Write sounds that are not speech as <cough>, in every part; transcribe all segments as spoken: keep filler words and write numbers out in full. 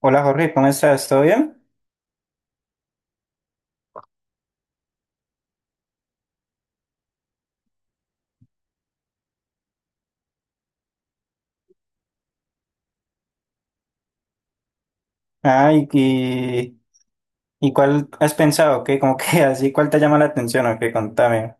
Hola Jorge, ¿cómo estás? ¿Todo bien? Ah, y, y, y ¿cuál has pensado? ¿Qué? Como que <laughs> así, ¿cuál te llama la atención? ¿O qué? Contame.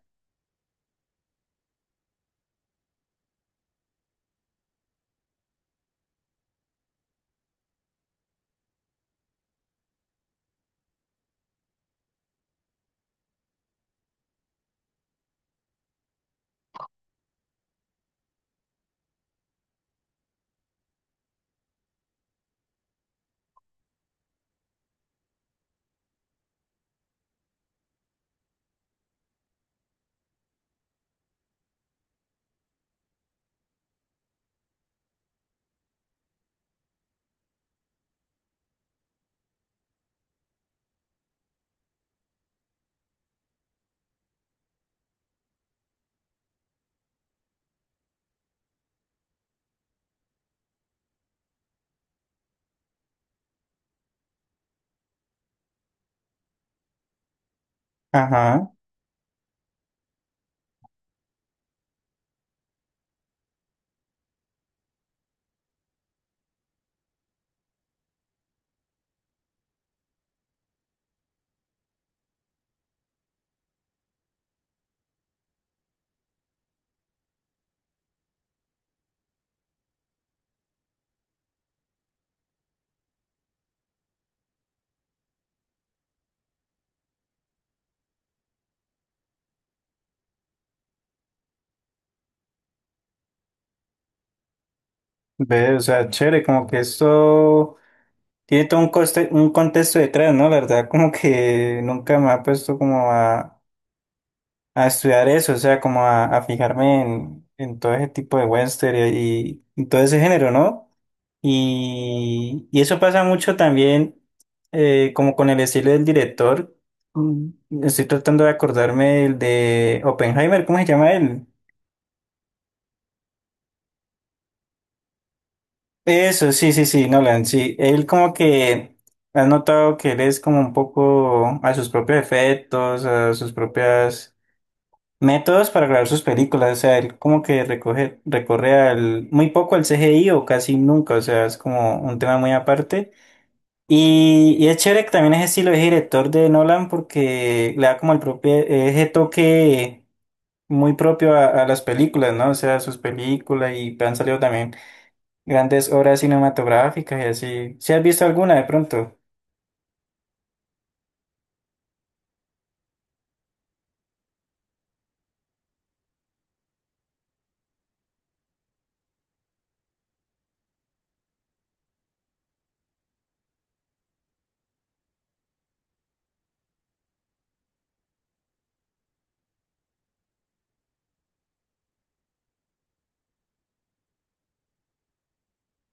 Ajá, ve, o sea, chévere, como que esto tiene todo un coste, un contexto detrás, ¿no? La verdad, como que nunca me ha puesto como a, a estudiar eso, o sea, como a, a fijarme en, en todo ese tipo de western y, y todo ese género, ¿no? Y, y eso pasa mucho también eh, como con el estilo del director. Mm, Estoy tratando de acordarme del de Oppenheimer, ¿cómo se llama él? Eso, sí, sí, sí, Nolan, sí. Él como que has notado que él es como un poco a sus propios efectos, a sus propias métodos para grabar sus películas. O sea, él como que recoge, recorre al, muy poco al C G I o casi nunca. O sea, es como un tema muy aparte. Y, y es chévere que también es estilo es director de Nolan porque le da como el propio, ese toque muy propio a, a las películas, ¿no? O sea, sus películas y han salido también grandes obras cinematográficas y así. ¿Si has visto alguna de pronto?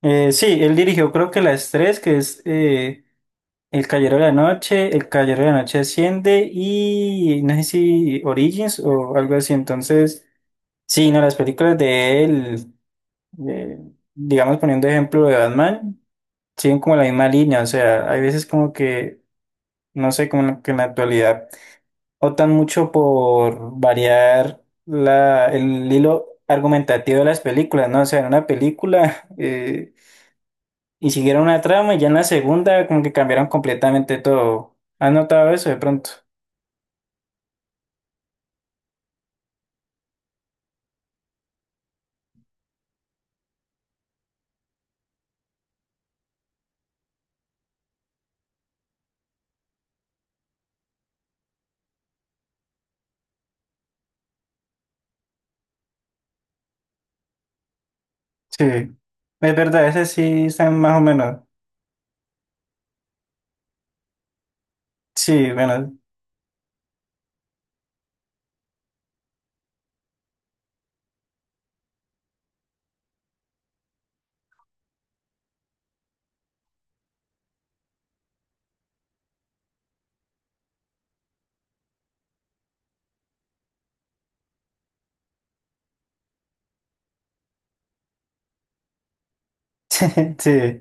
Eh, sí, él dirigió creo que las tres, que es eh, El Caballero de la Noche, El Caballero de la Noche Asciende y no sé si Origins o algo así. Entonces, sí, no, las películas de él, eh, digamos poniendo ejemplo de Batman. Siguen como la misma línea, o sea, hay veces como que, no sé, como en la- que en la actualidad optan mucho por variar la, el hilo argumentativo de las películas, ¿no? O sea, en una película <laughs> eh, y siguieron una trama y ya en la segunda como que cambiaron completamente todo. ¿Has notado eso de pronto? Sí, es verdad, esas sí están más o menos. Sí, bueno, <laughs> sí.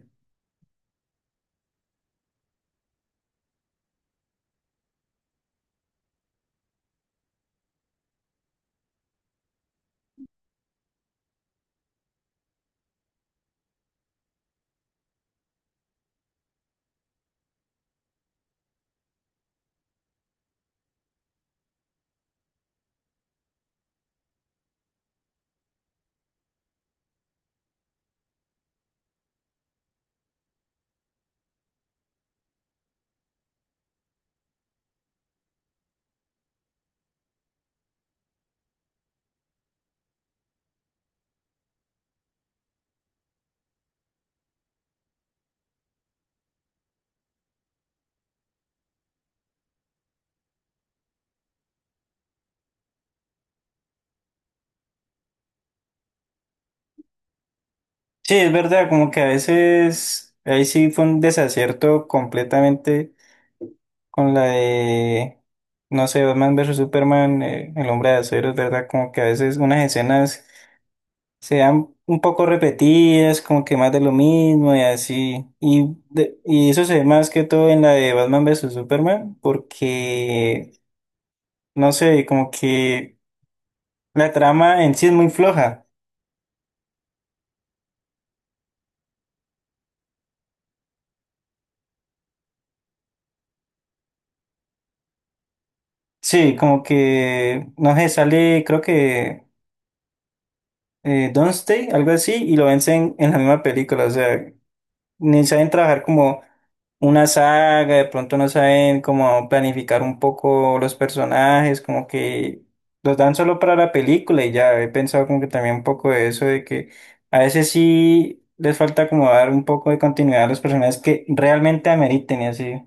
Sí, es verdad, como que a veces ahí sí fue un desacierto completamente. Con la de, no sé, Batman versus Superman, eh, El Hombre de Acero, es ¿verdad? Como que a veces unas escenas se dan un poco repetidas, como que más de lo mismo y así. Y, de- y eso se ve más que todo en la de Batman versus Superman, porque, no sé, como que la trama en sí es muy floja. Sí, como que, no sé, sale, creo que eh, Stay algo así, y lo vencen en la misma película, o sea. Ni saben trabajar como una saga, de pronto no saben cómo planificar un poco los personajes, como que los dan solo para la película y ya he pensado como que también un poco de eso, de que a veces sí les falta como dar un poco de continuidad a los personajes que realmente ameriten y así.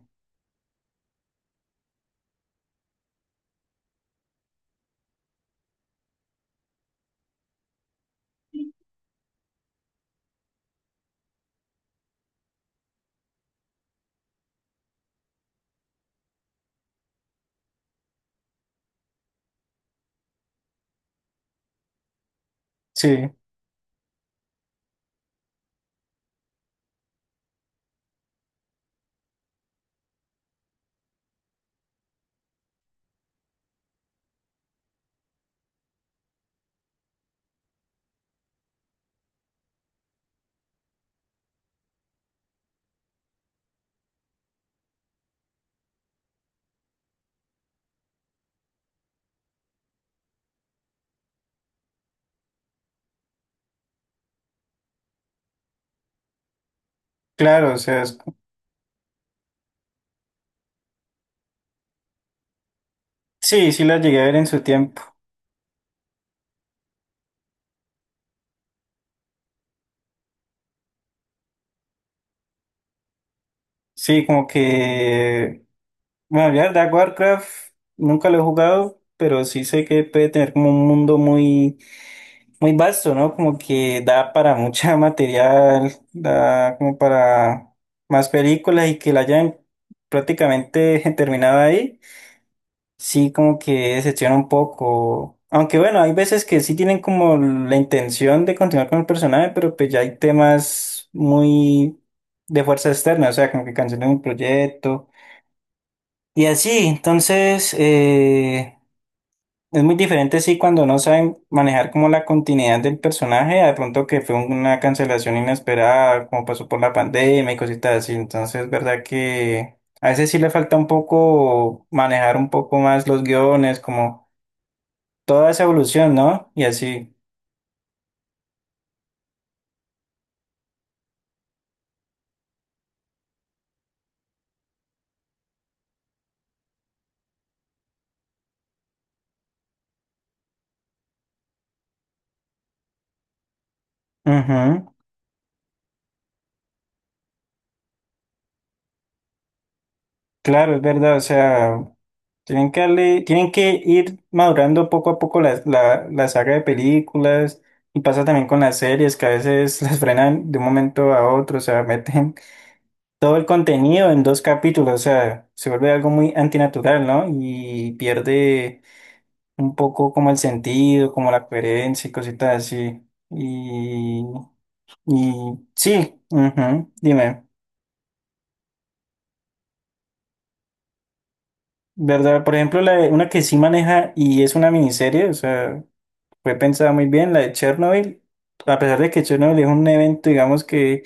Sí, claro, o sea, es- sí, sí las llegué a ver en su tiempo. Sí, como que, bueno, ya Dark Warcraft nunca lo he jugado, pero sí sé que puede tener como un mundo muy muy vasto, ¿no? Como que da para mucha <laughs> material, da como para más películas y que la hayan prácticamente <laughs> terminado ahí. Sí, como que decepciona un poco. Aunque bueno, hay veces que sí tienen como la intención de continuar con el personaje, pero pues ya hay temas muy de fuerza externa, o sea, como que cancelan un proyecto y así. Entonces, eh, es muy diferente, sí, cuando no saben manejar como la continuidad del personaje, a de pronto que fue una cancelación inesperada, como pasó por la pandemia y cositas así. Entonces, es verdad que a veces sí le falta un poco manejar un poco más los guiones, como toda esa evolución, ¿no? Y así. Ujú. Claro, es verdad, o sea, tienen que darle- tienen que ir madurando poco a poco la, la, la saga de películas. Y pasa también con las series, que a veces <laughs> las frenan de un momento a otro, o sea, meten todo el contenido en dos capítulos, o sea, se vuelve algo muy antinatural, ¿no? Y pierde un poco como el sentido, como la coherencia y cositas así. Y, y sí, ujú, dime, ¿verdad? Por ejemplo, la de- una que sí maneja y es una miniserie, o sea, fue pensada muy bien, la de Chernobyl, a pesar de que Chernobyl es un evento, digamos que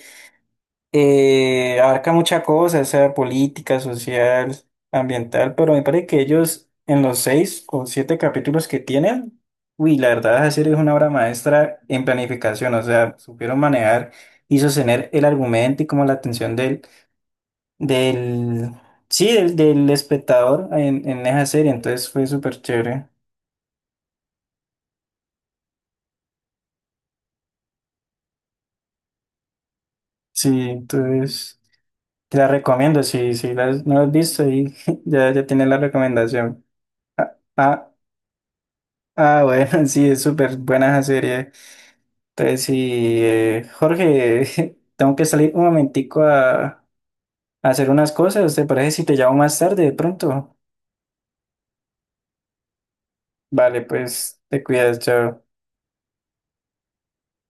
eh, abarca muchas cosas, sea política, social, ambiental, pero me parece que ellos en los seis o siete capítulos que tienen, uy, la verdad la serie es una obra maestra en planificación, o sea, supieron manejar y sostener el argumento y como la atención del, del, sí, del, del espectador en, en esa serie, entonces fue súper chévere. Sí, entonces te la recomiendo, si, si la- no la has visto, ahí <laughs> ya, ya tienes la recomendación. Ah, ah, ah, bueno, <laughs> sí, es súper buena esa serie. Entonces, sí, eh, Jorge, <laughs> tengo que salir un momentico a, a hacer unas cosas. ¿Te parece si te llamo más tarde de pronto? Vale, pues te cuidas, chao.